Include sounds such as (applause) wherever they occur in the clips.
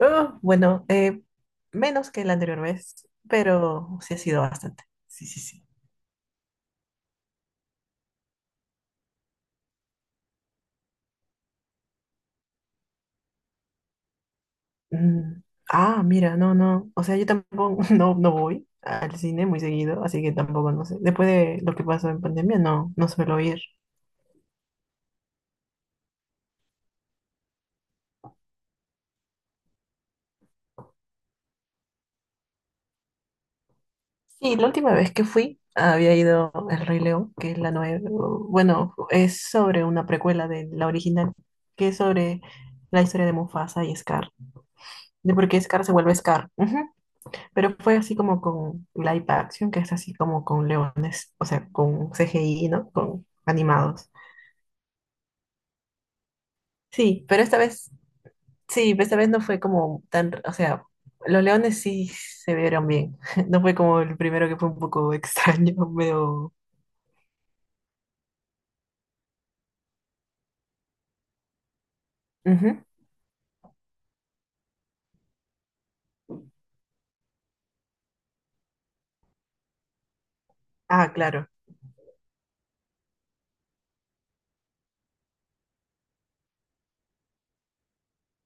Ah, bueno, menos que la anterior vez, pero sí ha sido bastante. Sí, sí, sí. Mm, ah, mira, no, no. O sea, yo tampoco (laughs) no, no voy al cine muy seguido, así que tampoco no sé. Después de lo que pasó en pandemia, no, no suelo ir. Sí, la última vez que fui había ido El Rey León, que es la nueva, bueno, es sobre una precuela de la original, que es sobre la historia de Mufasa y Scar, de por qué Scar se vuelve Scar. Ujú. Pero fue así como con live action, que es así como con leones, o sea, con CGI, ¿no? Con animados. Sí, pero esta vez, sí, pero esta vez no fue como tan, o sea, los leones sí se vieron bien. (laughs) No fue como el primero que fue un poco extraño, (laughs) medio... Ujú. Ah, claro,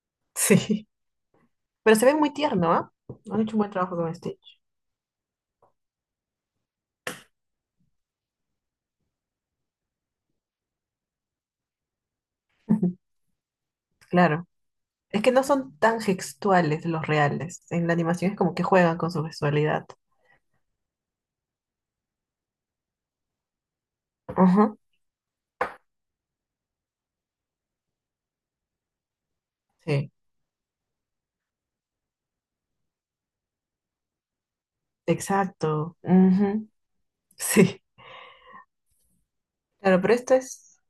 (laughs) sí. Pero se ve muy tierno, ¿ah? Han hecho un buen trabajo con Stitch. (laughs) Claro. Es que no son tan gestuales los reales. En la animación es como que juegan con su gestualidad. Ajá. Sí. Exacto. Ujú. Sí. Claro, pero esto es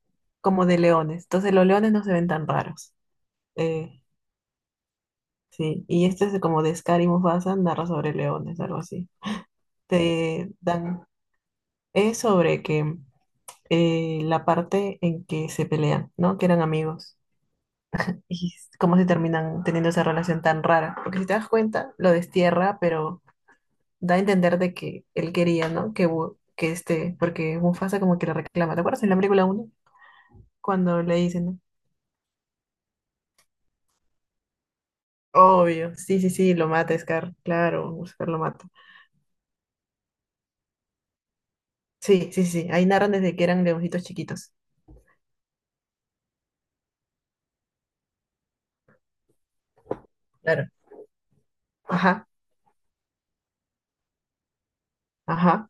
como de leones. Entonces los leones no se ven tan raros. Eh, sí. Y este es como de Scar y Mufasa, narra sobre leones, algo así. Te dan... Es sobre que la parte en que se pelean, ¿no? Que eran amigos. Y s- cómo se terminan teniendo esa relación tan rara. Porque si te das cuenta, lo destierra, pero da a entender de que él quería, ¿no? Que, Bu- que este... Porque Mufasa como que le reclama. ¿Te acuerdas en la película uno? Cuando le dicen, ¿no? Obvio, sí, sí, sí, lo mata Scar, claro, Scar lo mata. Sí, sí, sí, ahí narran desde que eran leoncitos chiquitos. Claro. Ajá, ajá.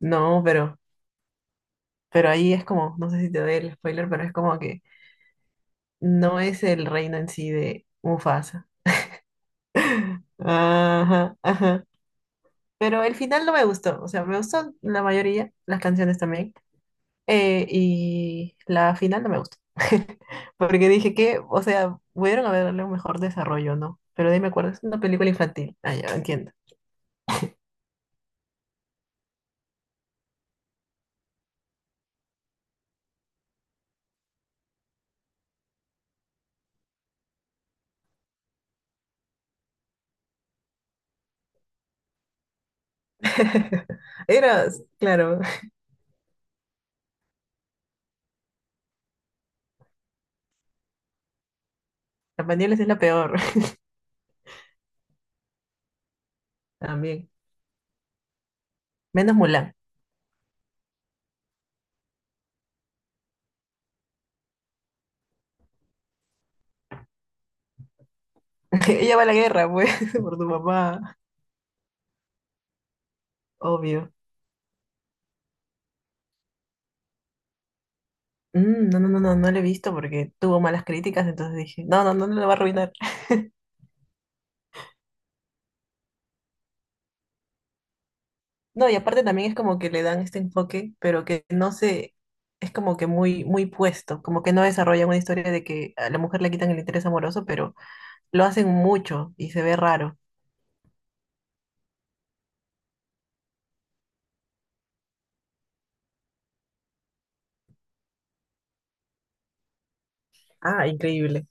No, pero ahí es como, no sé si te doy el spoiler, pero es como que no es el reino en sí de Mufasa. Ajá, ajá. Pero el final no me gustó, o sea, me gustó la mayoría, las canciones también. Y la final no me gustó. (laughs) Porque dije que, o sea, pudieron haberle un mejor desarrollo, ¿no? Pero de ahí me acuerdo, es una película infantil. Ah, ya, entiendo. (laughs) Era, claro, la Pañales es la peor (laughs) también. Menos Mulan. (laughs) Ella va a la guerra, pues, (laughs) por tu papá, obvio. Mm, no, no, no, no, no la he visto porque tuvo malas críticas, entonces dije, no, no, no, no la va a arruinar. No, y aparte también es como que le dan este enfoque, pero que no se, es como que muy, muy puesto, como que no desarrollan una historia de que a la mujer le quitan el interés amoroso, pero lo hacen mucho y se ve raro. Ah, increíble.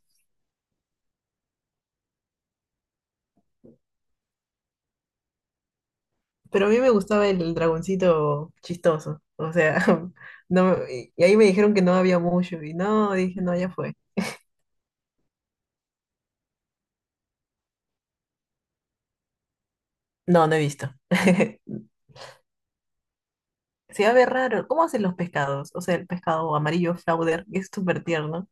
Pero a mí me gustaba el dragoncito chistoso, o sea, (laughs) no, y ahí me dijeron que no había mucho, y no, dije, no, ya fue. No, no he visto. (laughs) Se va a ver raro. ¿Cómo hacen los pescados? O sea, el pescado amarillo Flauder, que es súper tierno.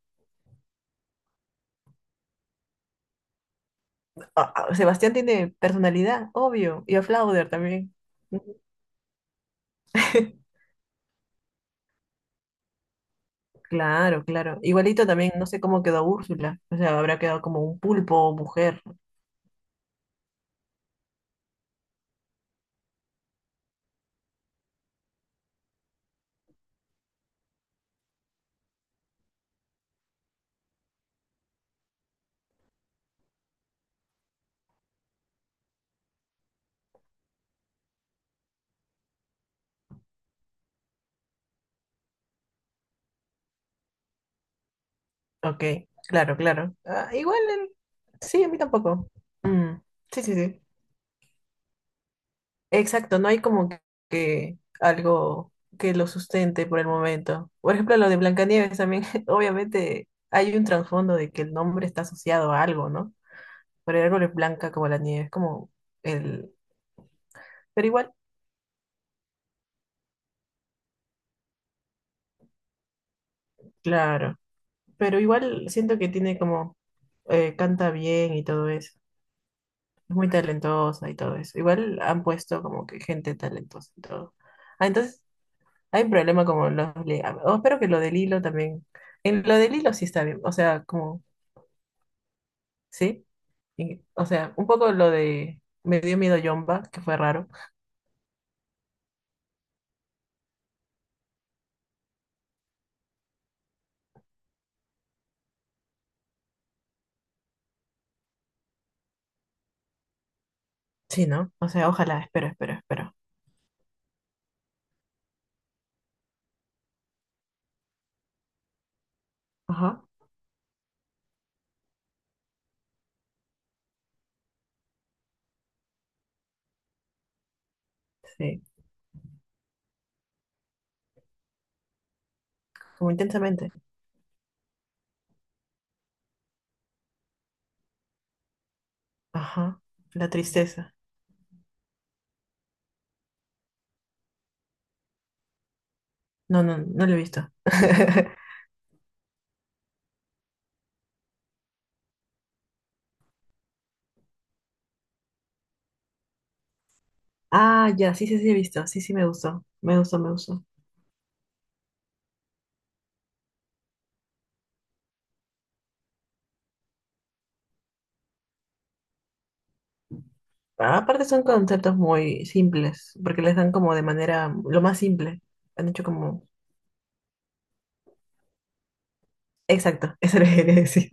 Ah, ah, Sebastián tiene personalidad, obvio, y a Flauder también. (laughs) Claro, claro. Igualito también, no sé cómo quedó Úrsula. O sea, habrá quedado como un pulpo o mujer. Ok, claro, claro. Ah, igual, el- sí, a mí tampoco. Mm, sí, sí, sí. Exacto, no hay como que algo que lo sustente por el momento. Por ejemplo, lo de Blancanieves también, (laughs) obviamente hay un trasfondo de que el nombre está asociado a algo, ¿no? Pero el árbol es blanca como la nieve, es como el... Pero igual claro, pero igual siento que tiene como, canta bien y todo eso, es muy talentosa y todo eso. Igual han puesto como que gente talentosa y todo. Ah, entonces hay un problema como los... le- ah, oh, espero que lo del hilo también... En lo del hilo sí está bien, o sea, como, ¿sí? Y, o sea, un poco lo de... Me dio miedo Yomba, que fue raro. Sí, ¿no? O sea, ojalá, espero, espero, espero. Ajá, sí, como intensamente. Ajá, la tristeza. No, no, no lo he visto. (laughs) Ah, ya, sí, sí, sí, he visto. Sí, sí, me gustó. Me gustó, me gustó. Ah, aparte son conceptos muy simples, porque les dan como de manera lo más simple. Han hecho como... Exacto, (laughs) eso lo que quería decir.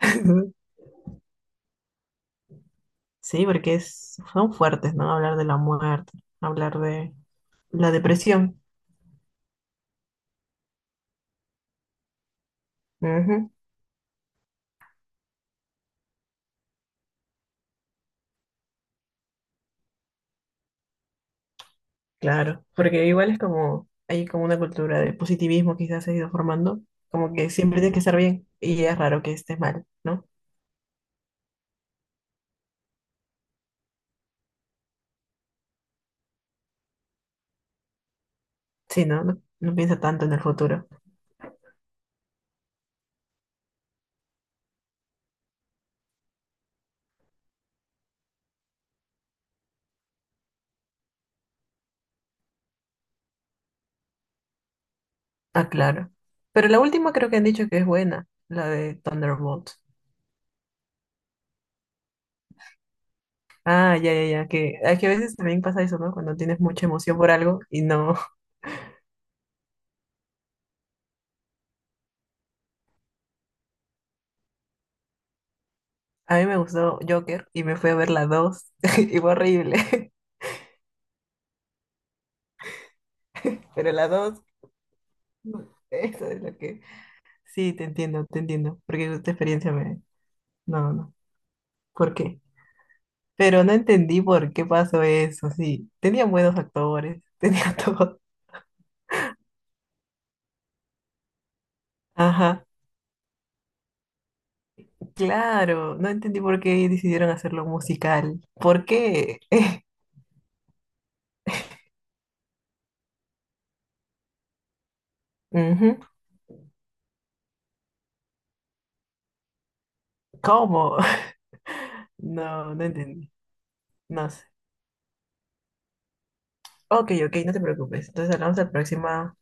(laughs) Sí, porque es, son fuertes, ¿no? Hablar de la muerte, hablar de la depresión. Ujú, claro, porque igual es como, hay como una cultura de positivismo quizás se ha ido formando, como que siempre tienes que estar bien y es raro que estés mal, ¿no? Sí, ¿no? No, no piensa tanto en el futuro. Ah, claro. Pero la última creo que han dicho que es buena, la de Thunderbolt. Ah, ya, ya, ya, que, ah, que a veces también pasa eso, ¿no? Cuando tienes mucha emoción por algo y no. (laughs) A mí me gustó Joker y me fui a ver la dos (laughs) y fue horrible. (laughs) Pero la 2 no, eso es lo que... Sí, te entiendo, porque esta experiencia me... No, no, no, ¿por qué? Pero no entendí por qué pasó eso, sí. Tenían buenos actores, (laughs) tenía todo. Ajá. Claro, no entendí por qué decidieron hacerlo musical. ¿Por qué? (laughs) Ujú, ¿cómo? (laughs) No, no entendí. No sé. Ok, ok, no te preocupes. Entonces hablamos la próxima.